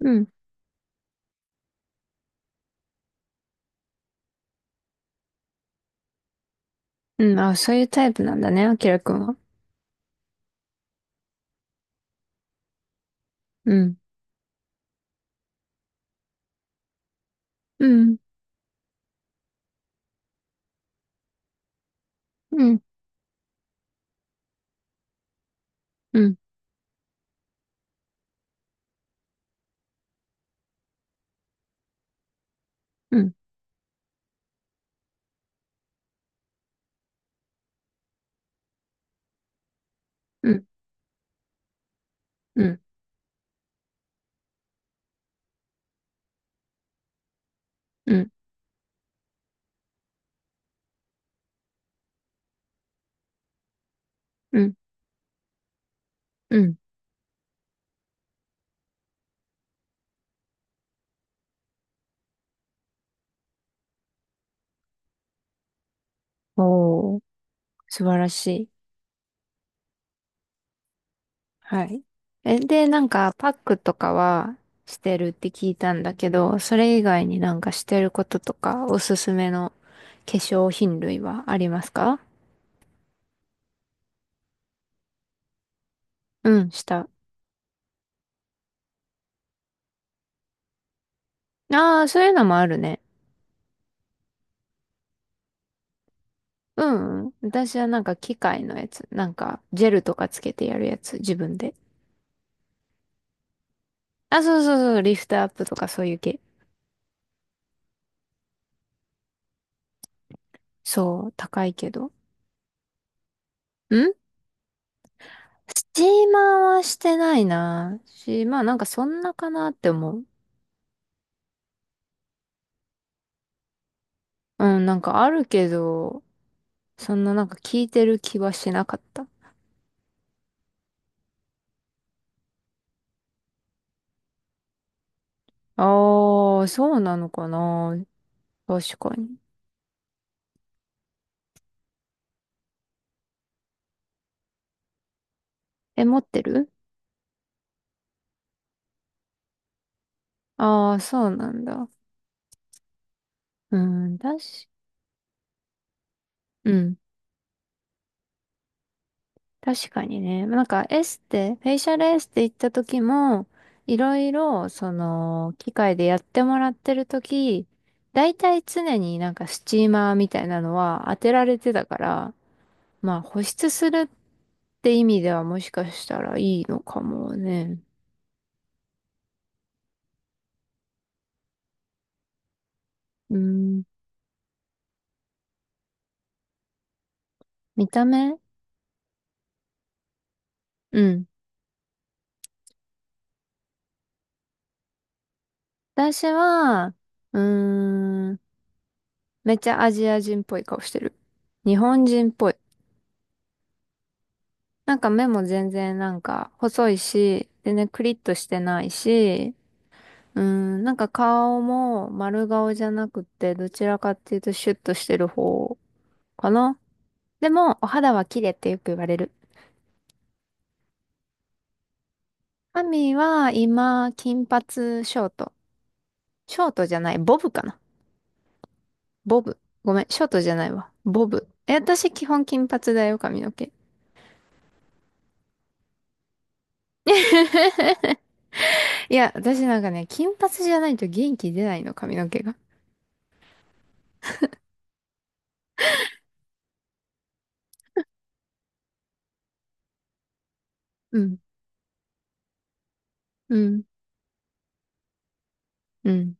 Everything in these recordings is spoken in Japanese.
うん。うん。あ、そういうタイプなんだね、あきらくんは。うん。うん。うん。うん。うん。うん。うん。うん。うん。うん。おー、素晴らしい。はい。え、で、なんか、パックとかはしてるって聞いたんだけど、それ以外になんかしてることとか、おすすめの化粧品類はありますか？うん、した。ああ、そういうのもあるね。うん。うん、私はなんか機械のやつ。なんか、ジェルとかつけてやるやつ、自分で。あ、そうそうそう、リフトアップとかそういう系。そう、高いけど。ん、スチーマーはしてないな。まあなんかそんなかなって思う。うん、なんかあるけど、そんななんか聞いてる気はしなかった。ああ、そうなのかな。確かに。え、持ってる？ああー、そうなんだ。うん、確か、うん。確かにね。なんかエステ、フェイシャルエステ行った時も、いろいろ、その、機械でやってもらってる時、だいたい常になんかスチーマーみたいなのは当てられてたから、まあ保湿するって意味ではもしかしたらいいのかもね。うん。見た目？うん。私は、うーん、めっちゃアジア人っぽい顔してる。日本人っぽい。なんか目も全然なんか細いし、全然クリッとしてないし、うん、なんか顔も丸顔じゃなくて、どちらかっていうとシュッとしてる方かな。でも、お肌は綺麗ってよく言われる。アミは今、金髪ショート。ショートじゃない、ボブかな。ボブ。ごめん、ショートじゃないわ。ボブ。え、私基本金髪だよ、髪の毛。いや、私なんかね、金髪じゃないと元気出ないの、髪の毛が。うん、うん、うん。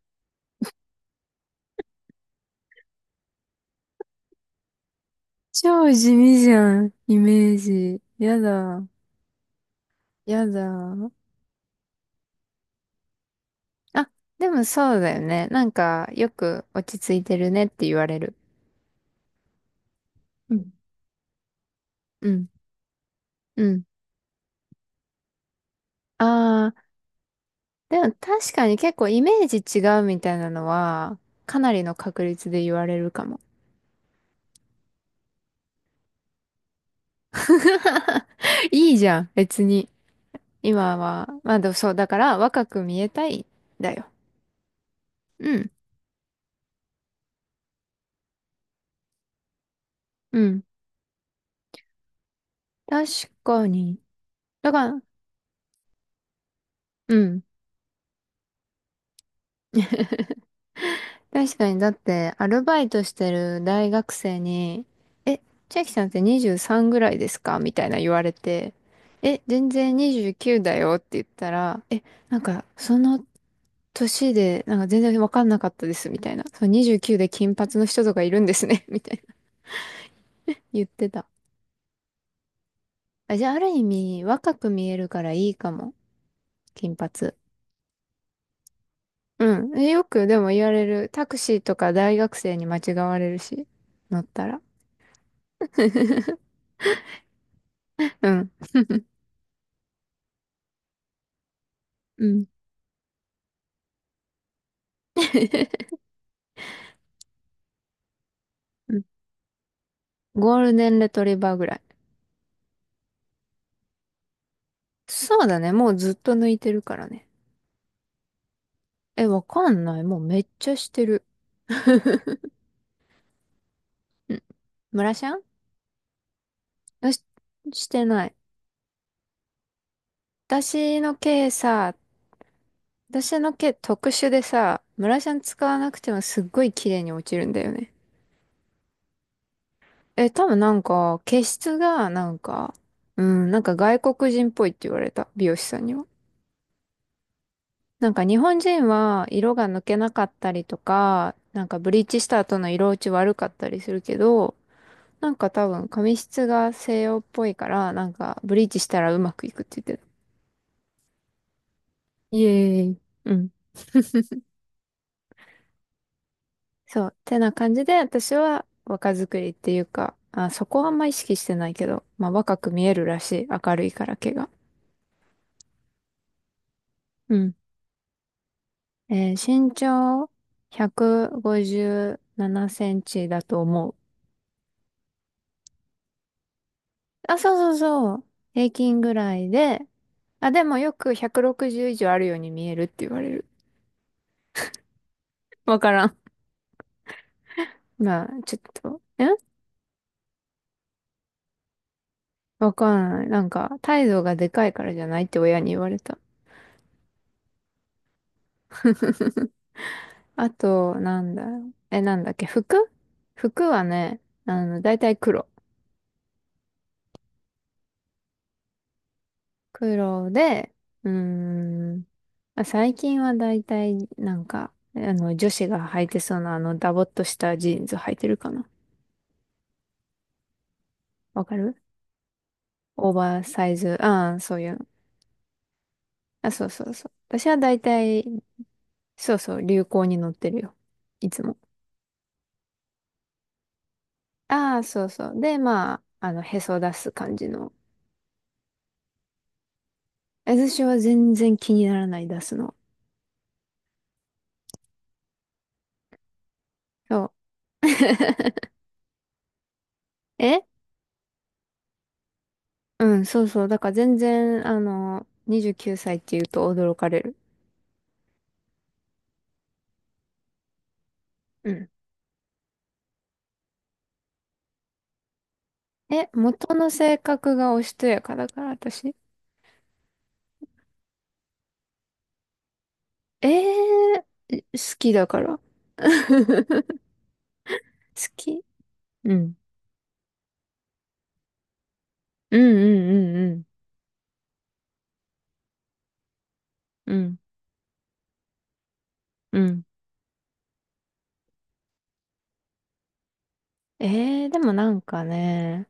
超地味じゃん、イメージ。やだ、やだ。あ、でもそうだよね。なんか、よく落ち着いてるねって言われる。うん。うん、うん。ああ、でも確かに結構イメージ違うみたいなのは、かなりの確率で言われるかも。いいじゃん、別に。今は。まあでもそう、だから若く見えたい、だよ。うん、うん。確かに。だから、うん。確かに、だって、アルバイトしてる大学生に、え、千秋さんって23ぐらいですか、みたいな言われて、え、全然29だよって言ったら、え、なんか、その年で、なんか全然わかんなかったです、みたいな。そう、29で金髪の人とかいるんですね、みたいな言ってた。あ、じゃあ、ある意味、若く見えるからいいかも。金髪。うん。え、よく、でも言われる。タクシーとか大学生に間違われるし、乗ったら。うん。うん。うん、ゴールデンレトリバーぐらい。そうだね。もうずっと抜いてるからね。え、わかんない。もうめっちゃしてる。うん。ムラシャン、よし、してない。私の毛さ、私の毛特殊でさ、ムラシャン使わなくてもすっごい綺麗に落ちるんだよね。え、多分なんか、毛質がなんか、うん、なんか外国人っぽいって言われた。美容師さんには。なんか日本人は色が抜けなかったりとか、なんかブリーチした後の色落ち悪かったりするけど、なんか多分髪質が西洋っぽいから、なんかブリーチしたらうまくいくって言ってた。イエーイ。うん。そう。てな感じで私は若作りっていうか、あ、そこはあんま意識してないけど、まあ若く見えるらしい。明るいから毛が。うん。えー、身長157センチだと思う。あ、そうそうそう。平均ぐらいで、あ、でもよく160以上あるように見えるって言われる。わからん。まあ、ちょっと、ん、わかんない。なんか、態度がでかいからじゃないって親に言われた。あと、なんだろう。え、なんだっけ、服？服はね、あの、だいたい黒。黒で、うーん、まあ最近はだいたい、なんか、あの、女子が履いてそうな、あの、ダボっとしたジーンズ履いてるかな。わかる？オーバーサイズ、ああ、そういうの。あ、そうそうそう。私はだいたい、そうそう、流行に乗ってるよ。いつも。ああ、そうそう。で、まあ、あの、へそ出す感じの。私は全然気にならない、出すの。そう。え、うん、そうそう。だから全然、あの、29歳って言うと驚かれる。うん。え、元の性格がおしとやかだから、私。えー、え、好きだから。好き。うん。うん、うん、うん、うん。うん。うん。えー、でもなんかね、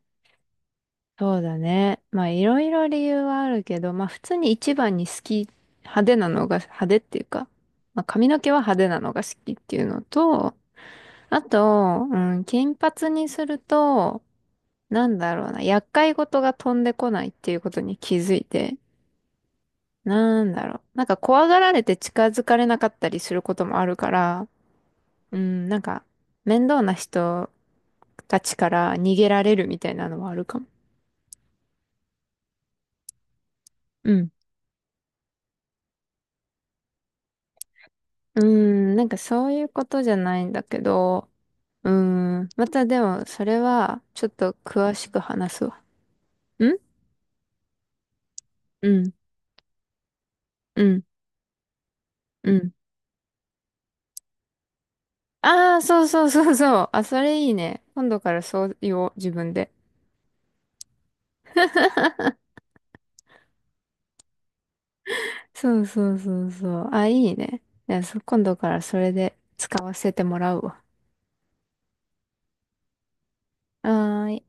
そうだね。まあいろいろ理由はあるけど、まあ普通に一番に好き、派手なのが、派手っていうか、まあ髪の毛は派手なのが好きっていうのと、あと、うん、金髪にすると、なんだろうな、厄介事が飛んでこないっていうことに気づいて、なんだろう、なんか怖がられて近づかれなかったりすることもあるから、うん、なんか面倒な人たちから逃げられるみたいなのはあるかも。うん。うーん、なんかそういうことじゃないんだけど、うーん、またでもそれはちょっと詳しく話すわ。ん、うん、うん、うん。ああ、そうそうそうそう。あ、それいいね。今度からそう言おう、自分で。そうそうそうそう。あ、いいね。いや、今度からそれで使わせてもらうわ。はーい。